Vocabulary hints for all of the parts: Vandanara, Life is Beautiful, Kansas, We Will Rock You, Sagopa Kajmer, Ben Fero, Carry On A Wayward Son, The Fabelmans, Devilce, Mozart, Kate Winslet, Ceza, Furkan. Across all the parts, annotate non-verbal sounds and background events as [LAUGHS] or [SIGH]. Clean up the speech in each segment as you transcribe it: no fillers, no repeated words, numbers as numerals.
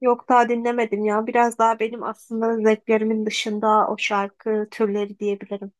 Yok daha dinlemedim ya. Biraz daha benim aslında zevklerimin dışında o şarkı türleri diyebilirim.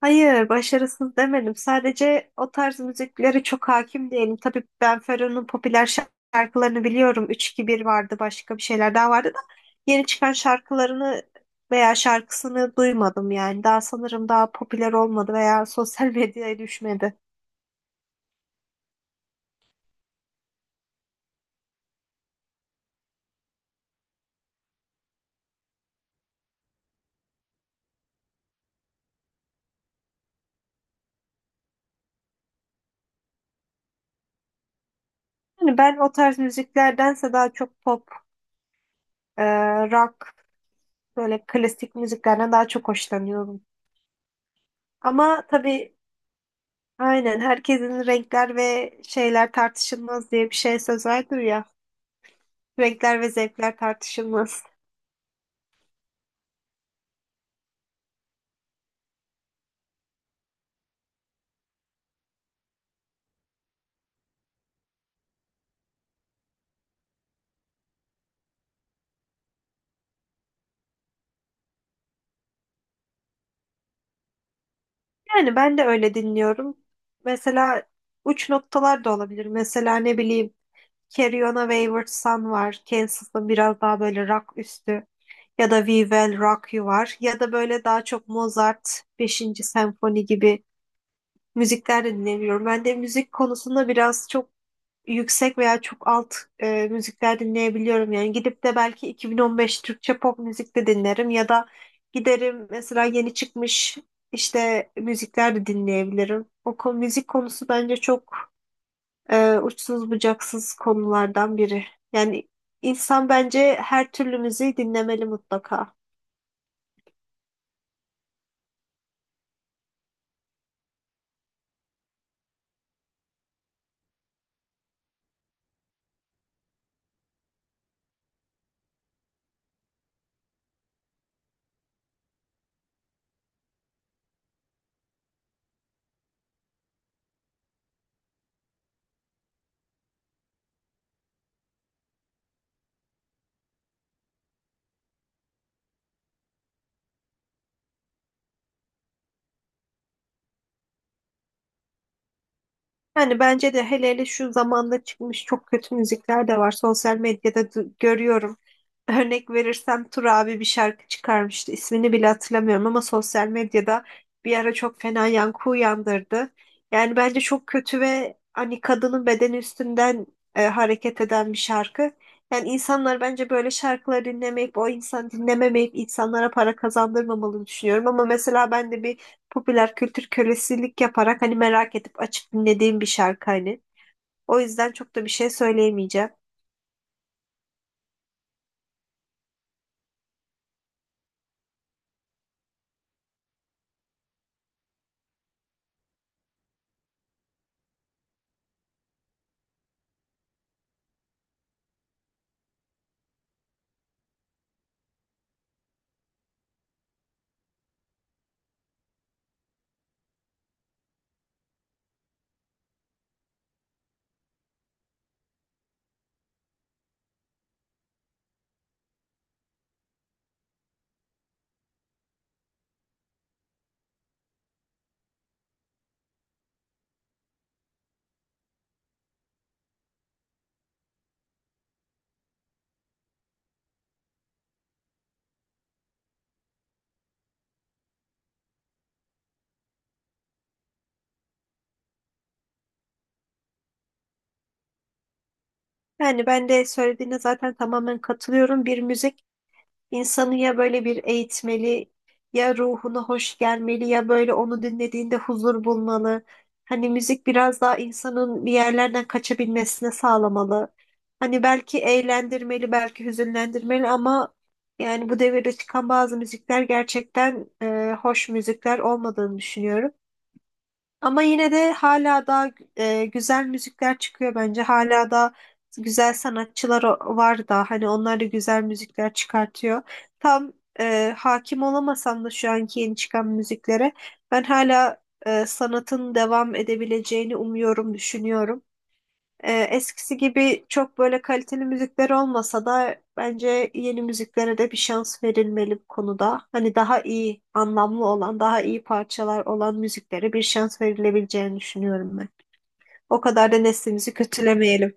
Hayır, başarısız demedim. Sadece o tarz müziklere çok hakim değilim. Tabii Ben Fero'nun popüler şarkılarını biliyorum. Üç 2 bir vardı, başka bir şeyler daha vardı da yeni çıkan şarkılarını veya şarkısını duymadım yani. Daha sanırım daha popüler olmadı veya sosyal [LAUGHS] medyaya düşmedi. Yani ben o tarz müziklerdense daha çok pop, e, rock, böyle klasik müziklerden daha çok hoşlanıyorum. Ama tabii aynen herkesin renkler ve şeyler tartışılmaz diye bir şey söz vardır ya. Renkler ve zevkler tartışılmaz. Yani ben de öyle dinliyorum. Mesela uç noktalar da olabilir. Mesela ne bileyim Carry On A Wayward Son var. Kansas'ın biraz daha böyle rock üstü. Ya da We Will Rock You var. Ya da böyle daha çok Mozart beşinci Senfoni gibi müzikler de dinlemiyorum. Ben de müzik konusunda biraz çok yüksek veya çok alt müzikler dinleyebiliyorum. Yani gidip de belki 2015 Türkçe pop müzik de dinlerim ya da giderim mesela yeni çıkmış işte müzikler de dinleyebilirim. O konu, müzik konusu bence çok uçsuz bucaksız konulardan biri. Yani insan bence her türlü müziği dinlemeli mutlaka. Yani bence de hele hele şu zamanda çıkmış çok kötü müzikler de var. Sosyal medyada görüyorum. Örnek verirsem Tur abi bir şarkı çıkarmıştı. İsmini bile hatırlamıyorum ama sosyal medyada bir ara çok fena yankı uyandırdı. Yani bence çok kötü ve hani kadının bedeni üstünden hareket eden bir şarkı. Yani insanlar bence böyle şarkıları dinlemeyip o insan dinlememeyip insanlara para kazandırmamalı düşünüyorum. Ama mesela ben de bir popüler kültür kölesilik yaparak hani merak edip açıp dinlediğim bir şarkı hani. O yüzden çok da bir şey söyleyemeyeceğim. Yani ben de söylediğine zaten tamamen katılıyorum. Bir müzik İnsanı ya böyle bir eğitmeli, ya ruhuna hoş gelmeli, ya böyle onu dinlediğinde huzur bulmalı. Hani müzik biraz daha insanın bir yerlerden kaçabilmesine sağlamalı. Hani belki eğlendirmeli, belki hüzünlendirmeli ama yani bu devirde çıkan bazı müzikler gerçekten hoş müzikler olmadığını düşünüyorum. Ama yine de hala da güzel müzikler çıkıyor bence. Hala da güzel sanatçılar var da hani onlar da güzel müzikler çıkartıyor. Tam hakim olamasam da şu anki yeni çıkan müziklere ben hala sanatın devam edebileceğini umuyorum, düşünüyorum. Eskisi gibi çok böyle kaliteli müzikler olmasa da bence yeni müziklere de bir şans verilmeli bu konuda. Hani daha iyi, anlamlı olan, daha iyi parçalar olan müziklere bir şans verilebileceğini düşünüyorum ben. O kadar da neslimizi kötülemeyelim.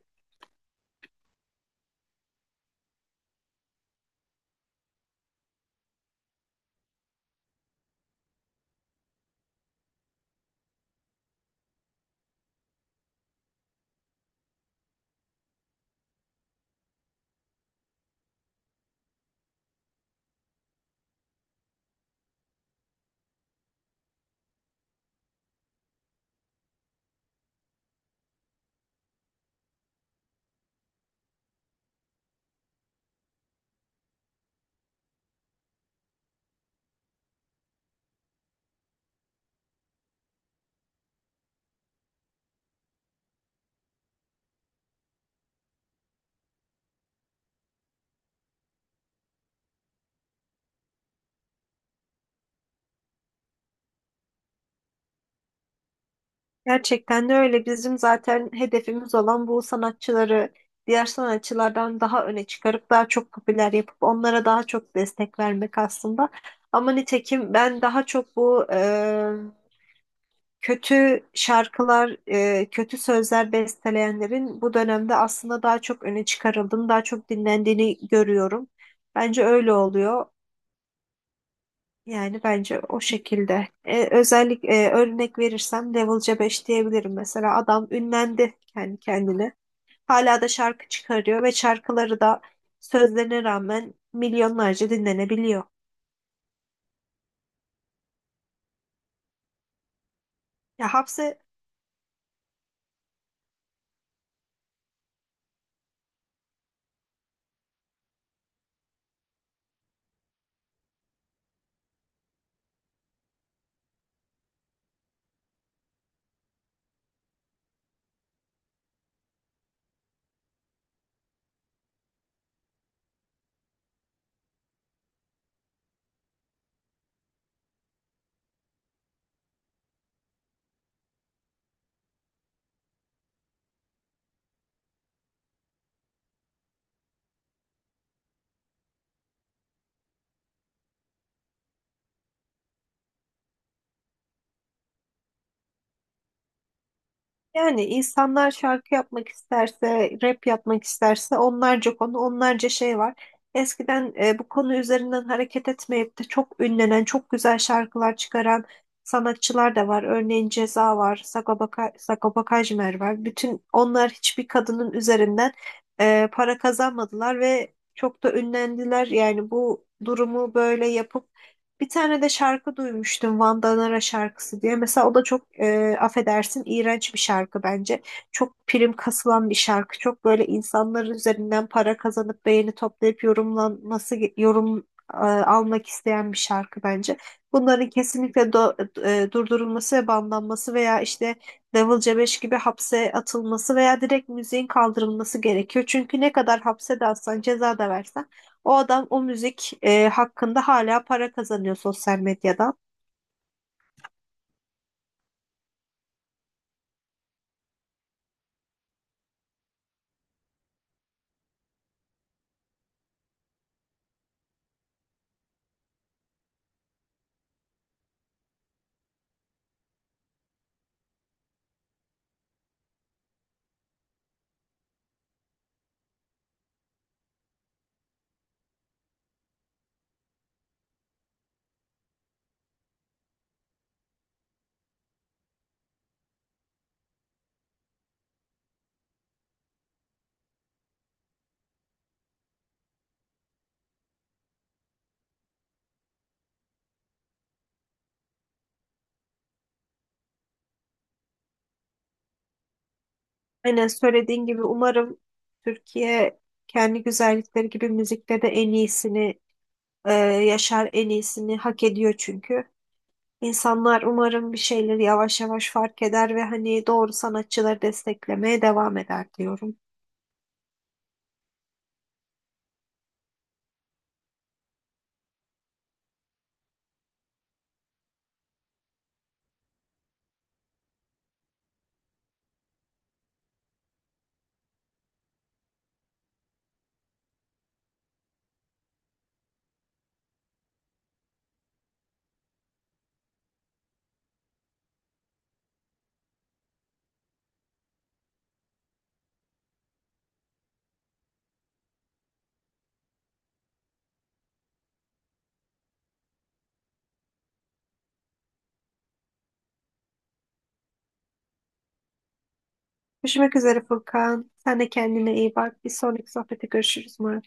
Gerçekten de öyle. Bizim zaten hedefimiz olan bu sanatçıları diğer sanatçılardan daha öne çıkarıp daha çok popüler yapıp onlara daha çok destek vermek aslında. Ama nitekim ben daha çok bu kötü şarkılar, kötü sözler besteleyenlerin bu dönemde aslında daha çok öne çıkarıldığını, daha çok dinlendiğini görüyorum. Bence öyle oluyor. Yani bence o şekilde. Örnek verirsem Devilce 5 diyebilirim mesela. Adam ünlendi kendi kendine. Hala da şarkı çıkarıyor ve şarkıları da sözlerine rağmen milyonlarca dinlenebiliyor. Ya hapse Yani insanlar şarkı yapmak isterse, rap yapmak isterse onlarca konu, onlarca şey var. Eskiden bu konu üzerinden hareket etmeyip de çok ünlenen, çok güzel şarkılar çıkaran sanatçılar da var. Örneğin Ceza var, Sagopa, Sagopa Kajmer var. Bütün onlar hiçbir kadının üzerinden para kazanmadılar ve çok da ünlendiler. Yani bu durumu böyle yapıp bir tane de şarkı duymuştum Vandanara şarkısı diye. Mesela o da çok affedersin iğrenç bir şarkı bence. Çok prim kasılan bir şarkı. Çok böyle insanların üzerinden para kazanıp beğeni toplayıp yorumlanması yorum almak isteyen bir şarkı bence. Bunların kesinlikle durdurulması ve banlanması veya işte Level C5 gibi hapse atılması veya direkt müziğin kaldırılması gerekiyor. Çünkü ne kadar hapse de atsan ceza da versen o adam o müzik hakkında hala para kazanıyor sosyal medyadan. Aynen söylediğin gibi umarım Türkiye kendi güzellikleri gibi müzikte de en iyisini yaşar, en iyisini hak ediyor çünkü. İnsanlar umarım bir şeyleri yavaş yavaş fark eder ve hani doğru sanatçıları desteklemeye devam eder diyorum. Görüşmek üzere Furkan. Sen de kendine iyi bak. Bir sonraki sohbete görüşürüz umarım.